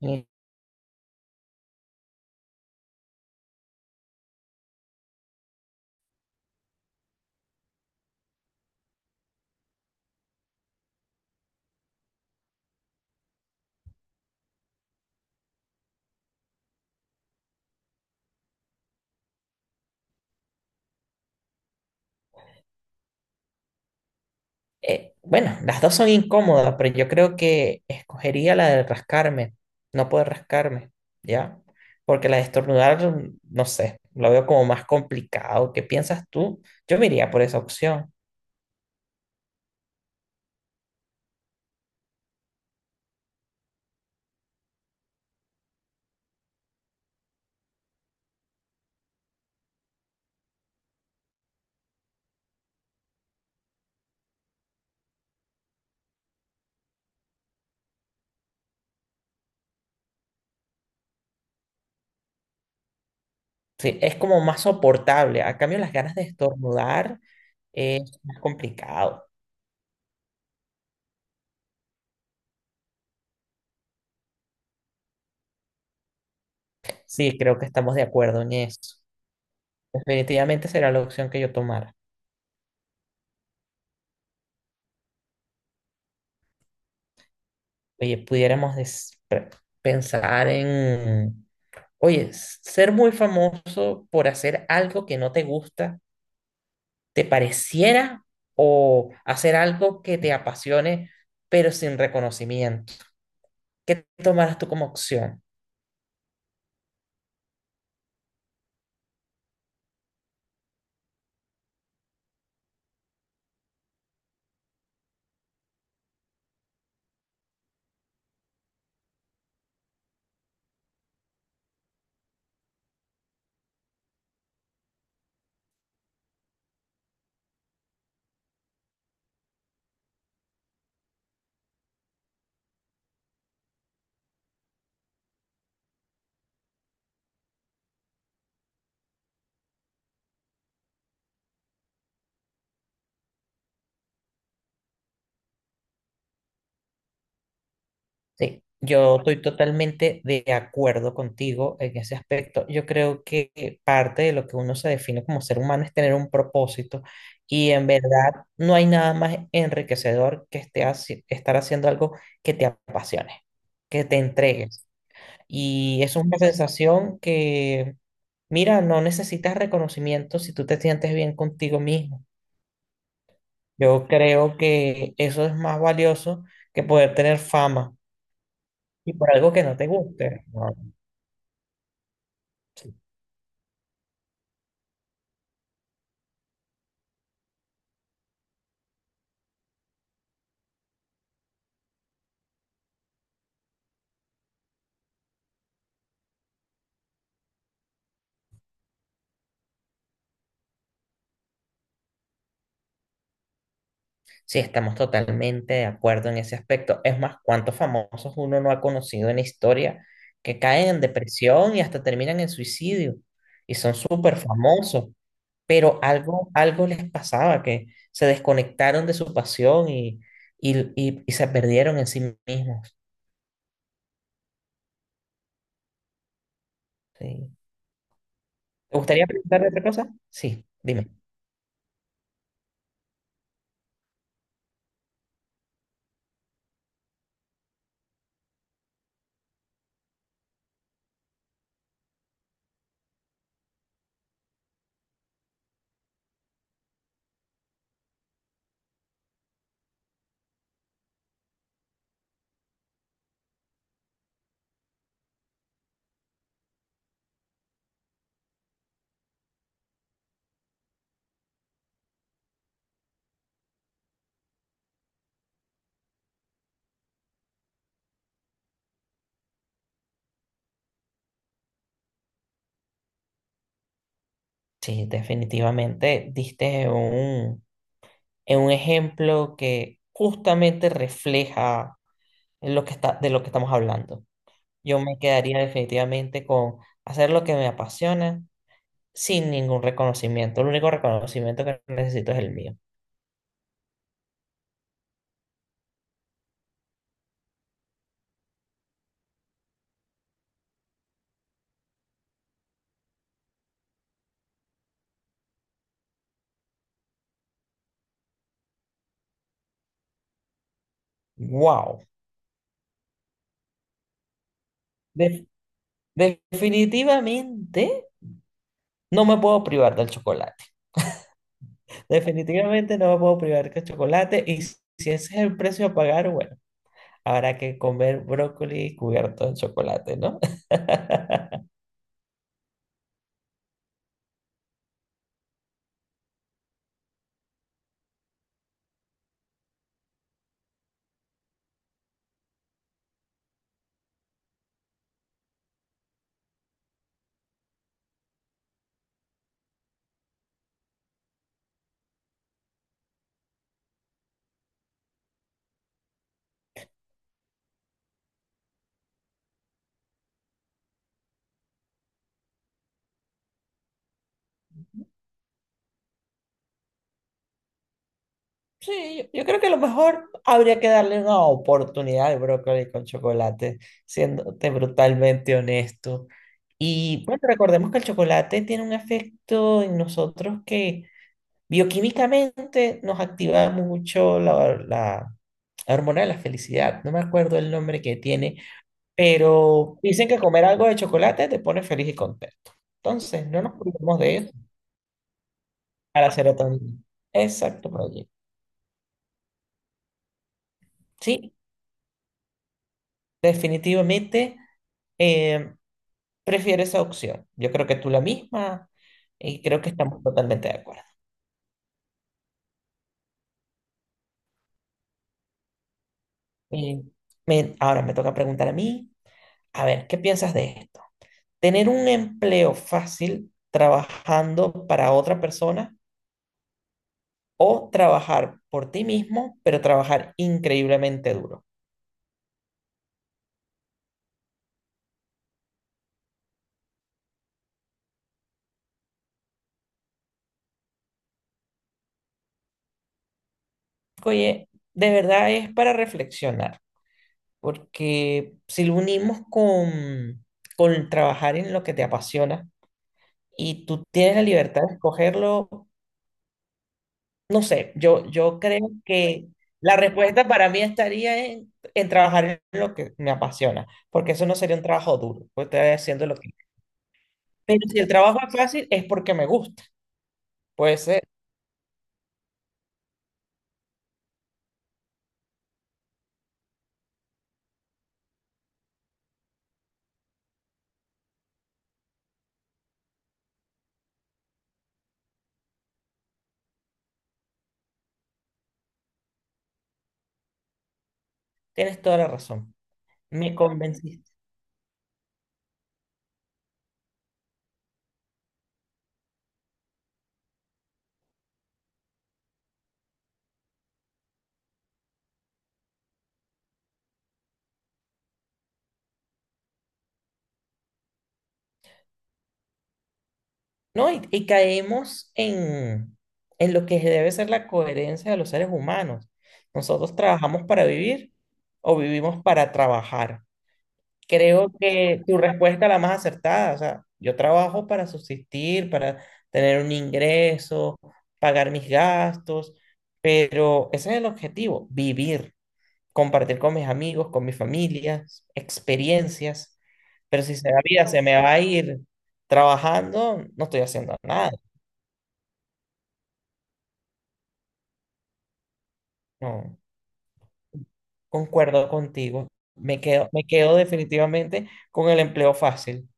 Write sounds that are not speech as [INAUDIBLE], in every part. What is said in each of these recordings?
Y, bueno, las dos son incómodas, pero yo creo que escogería la de rascarme, no poder rascarme, ¿ya? Porque la de estornudar, no sé, lo veo como más complicado. ¿Qué piensas tú? Yo me iría por esa opción. Sí, es como más soportable. A cambio, las ganas de estornudar es más complicado. Sí, creo que estamos de acuerdo en eso. Definitivamente será la opción que yo tomara. Oye, pensar en. Oye, ser muy famoso por hacer algo que no te gusta, ¿te pareciera? O hacer algo que te apasione, pero sin reconocimiento. ¿Qué tomarás tú como opción? Sí, yo estoy totalmente de acuerdo contigo en ese aspecto. Yo creo que parte de lo que uno se define como ser humano es tener un propósito. Y en verdad no hay nada más enriquecedor que estar haciendo algo que te apasione, que te entregues. Y eso es una sensación que, mira, no necesitas reconocimiento si tú te sientes bien contigo mismo. Yo creo que eso es más valioso que poder tener fama y por algo que no te guste, ¿no? Sí, estamos totalmente de acuerdo en ese aspecto. Es más, ¿cuántos famosos uno no ha conocido en la historia que caen en depresión y hasta terminan en suicidio? Y son súper famosos, pero algo, algo les pasaba, que se desconectaron de su pasión y se perdieron en sí mismos. Sí. ¿Te gustaría preguntar otra cosa? Sí, dime. Sí, definitivamente diste un, en un ejemplo que justamente refleja lo que está, de lo que estamos hablando. Yo me quedaría definitivamente con hacer lo que me apasiona sin ningún reconocimiento. El único reconocimiento que necesito es el mío. ¡Wow! Definitivamente no me puedo privar del chocolate. Definitivamente no me puedo privar del chocolate. Y si ese es el precio a pagar, bueno, habrá que comer brócoli cubierto en chocolate, ¿no? [LAUGHS] Sí, yo creo que a lo mejor habría que darle una oportunidad al brócoli con chocolate, siéndote brutalmente honesto. Y bueno, recordemos que el chocolate tiene un efecto en nosotros que bioquímicamente nos activa mucho la hormona de la felicidad. No me acuerdo el nombre que tiene, pero dicen que comer algo de chocolate te pone feliz y contento. Entonces, no nos olvidemos de eso para la serotonina. Exacto, Proye. Sí, definitivamente eh, prefiero esa opción. Yo creo que tú la misma y creo que estamos totalmente de acuerdo. Y ahora me toca preguntar a mí, a ver, ¿qué piensas de esto? Tener un empleo fácil trabajando para otra persona o trabajar por ti mismo, pero trabajar increíblemente duro. Oye, de verdad es para reflexionar, porque si lo unimos con trabajar en lo que te apasiona y tú tienes la libertad de escogerlo, no sé, yo creo que la respuesta para mí estaría en trabajar en lo que me apasiona, porque eso no sería un trabajo duro, pues estaría haciendo lo que. Pero si el trabajo es fácil, es porque me gusta. Puede ser. Tienes toda la razón. Me convenciste. ¿No? Y caemos en lo que debe ser la coherencia de los seres humanos. Nosotros trabajamos para vivir o vivimos para trabajar. Creo que tu respuesta es la más acertada. O sea, yo trabajo para subsistir, para tener un ingreso, pagar mis gastos, pero ese es el objetivo, vivir. Compartir con mis amigos, con mi familia, experiencias, pero si la vida se me va a ir trabajando, no estoy haciendo nada. No, concuerdo contigo. Me quedo definitivamente con el empleo fácil.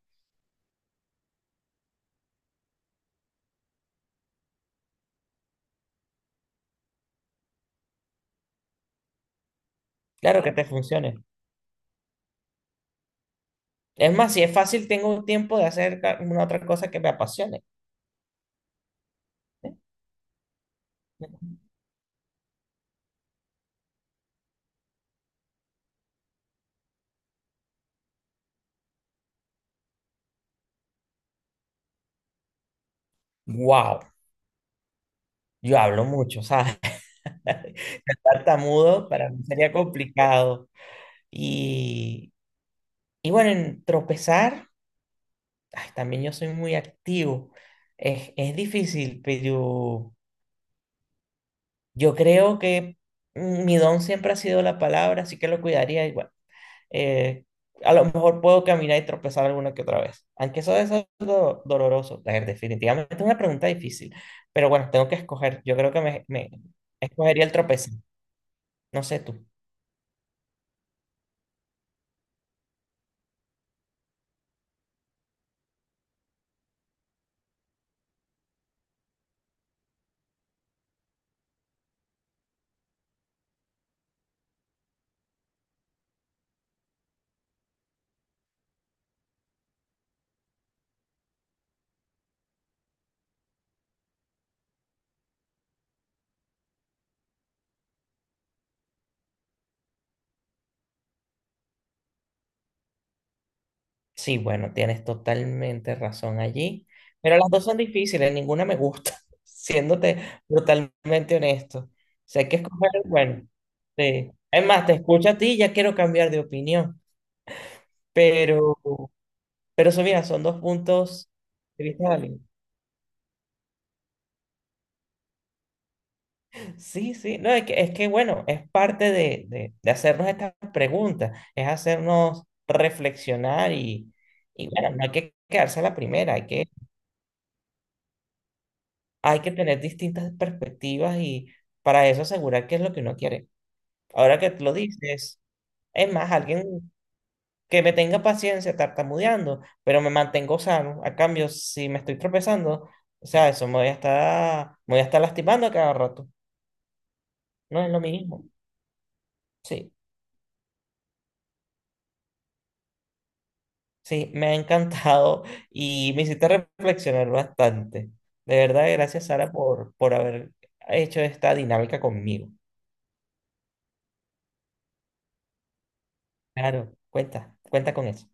Claro que te funcione. Es más, si es fácil, tengo tiempo de hacer una otra cosa que me apasione. Wow, yo hablo mucho, ¿sabes? [LAUGHS] Ser tartamudo para mí sería complicado. Y, y bueno, en tropezar, ay, también yo soy muy activo. Es difícil, pero yo creo que mi don siempre ha sido la palabra, así que lo cuidaría igual. Eh, a lo mejor puedo caminar y tropezar alguna que otra vez, aunque eso es doloroso. A ver, definitivamente es una pregunta difícil, pero bueno, tengo que escoger. Yo creo que me escogería el tropezar. No sé tú. Sí, bueno, tienes totalmente razón allí, pero las dos son difíciles, ninguna me gusta, [LAUGHS] siéndote brutalmente honesto. Sé que escoger, bueno, sí. Es más, te escucho a ti y ya quiero cambiar de opinión, pero, pero eso, mira, son dos puntos de vista válidos. Sí, sí, no, es que bueno, es parte de hacernos estas preguntas, es hacernos reflexionar y bueno, no hay que quedarse a la primera, hay que tener distintas perspectivas y para eso asegurar qué es lo que uno quiere. Ahora que tú lo dices, es más, alguien que me tenga paciencia tartamudeando, pero me mantengo sano. A cambio, si me estoy tropezando, o sea, eso me voy a estar lastimando a cada rato. No es lo mismo. Sí, sí, me ha encantado [LAUGHS] y me hiciste reflexionar bastante. De verdad, gracias, Sara, por haber hecho esta dinámica conmigo. Claro, cuenta con eso.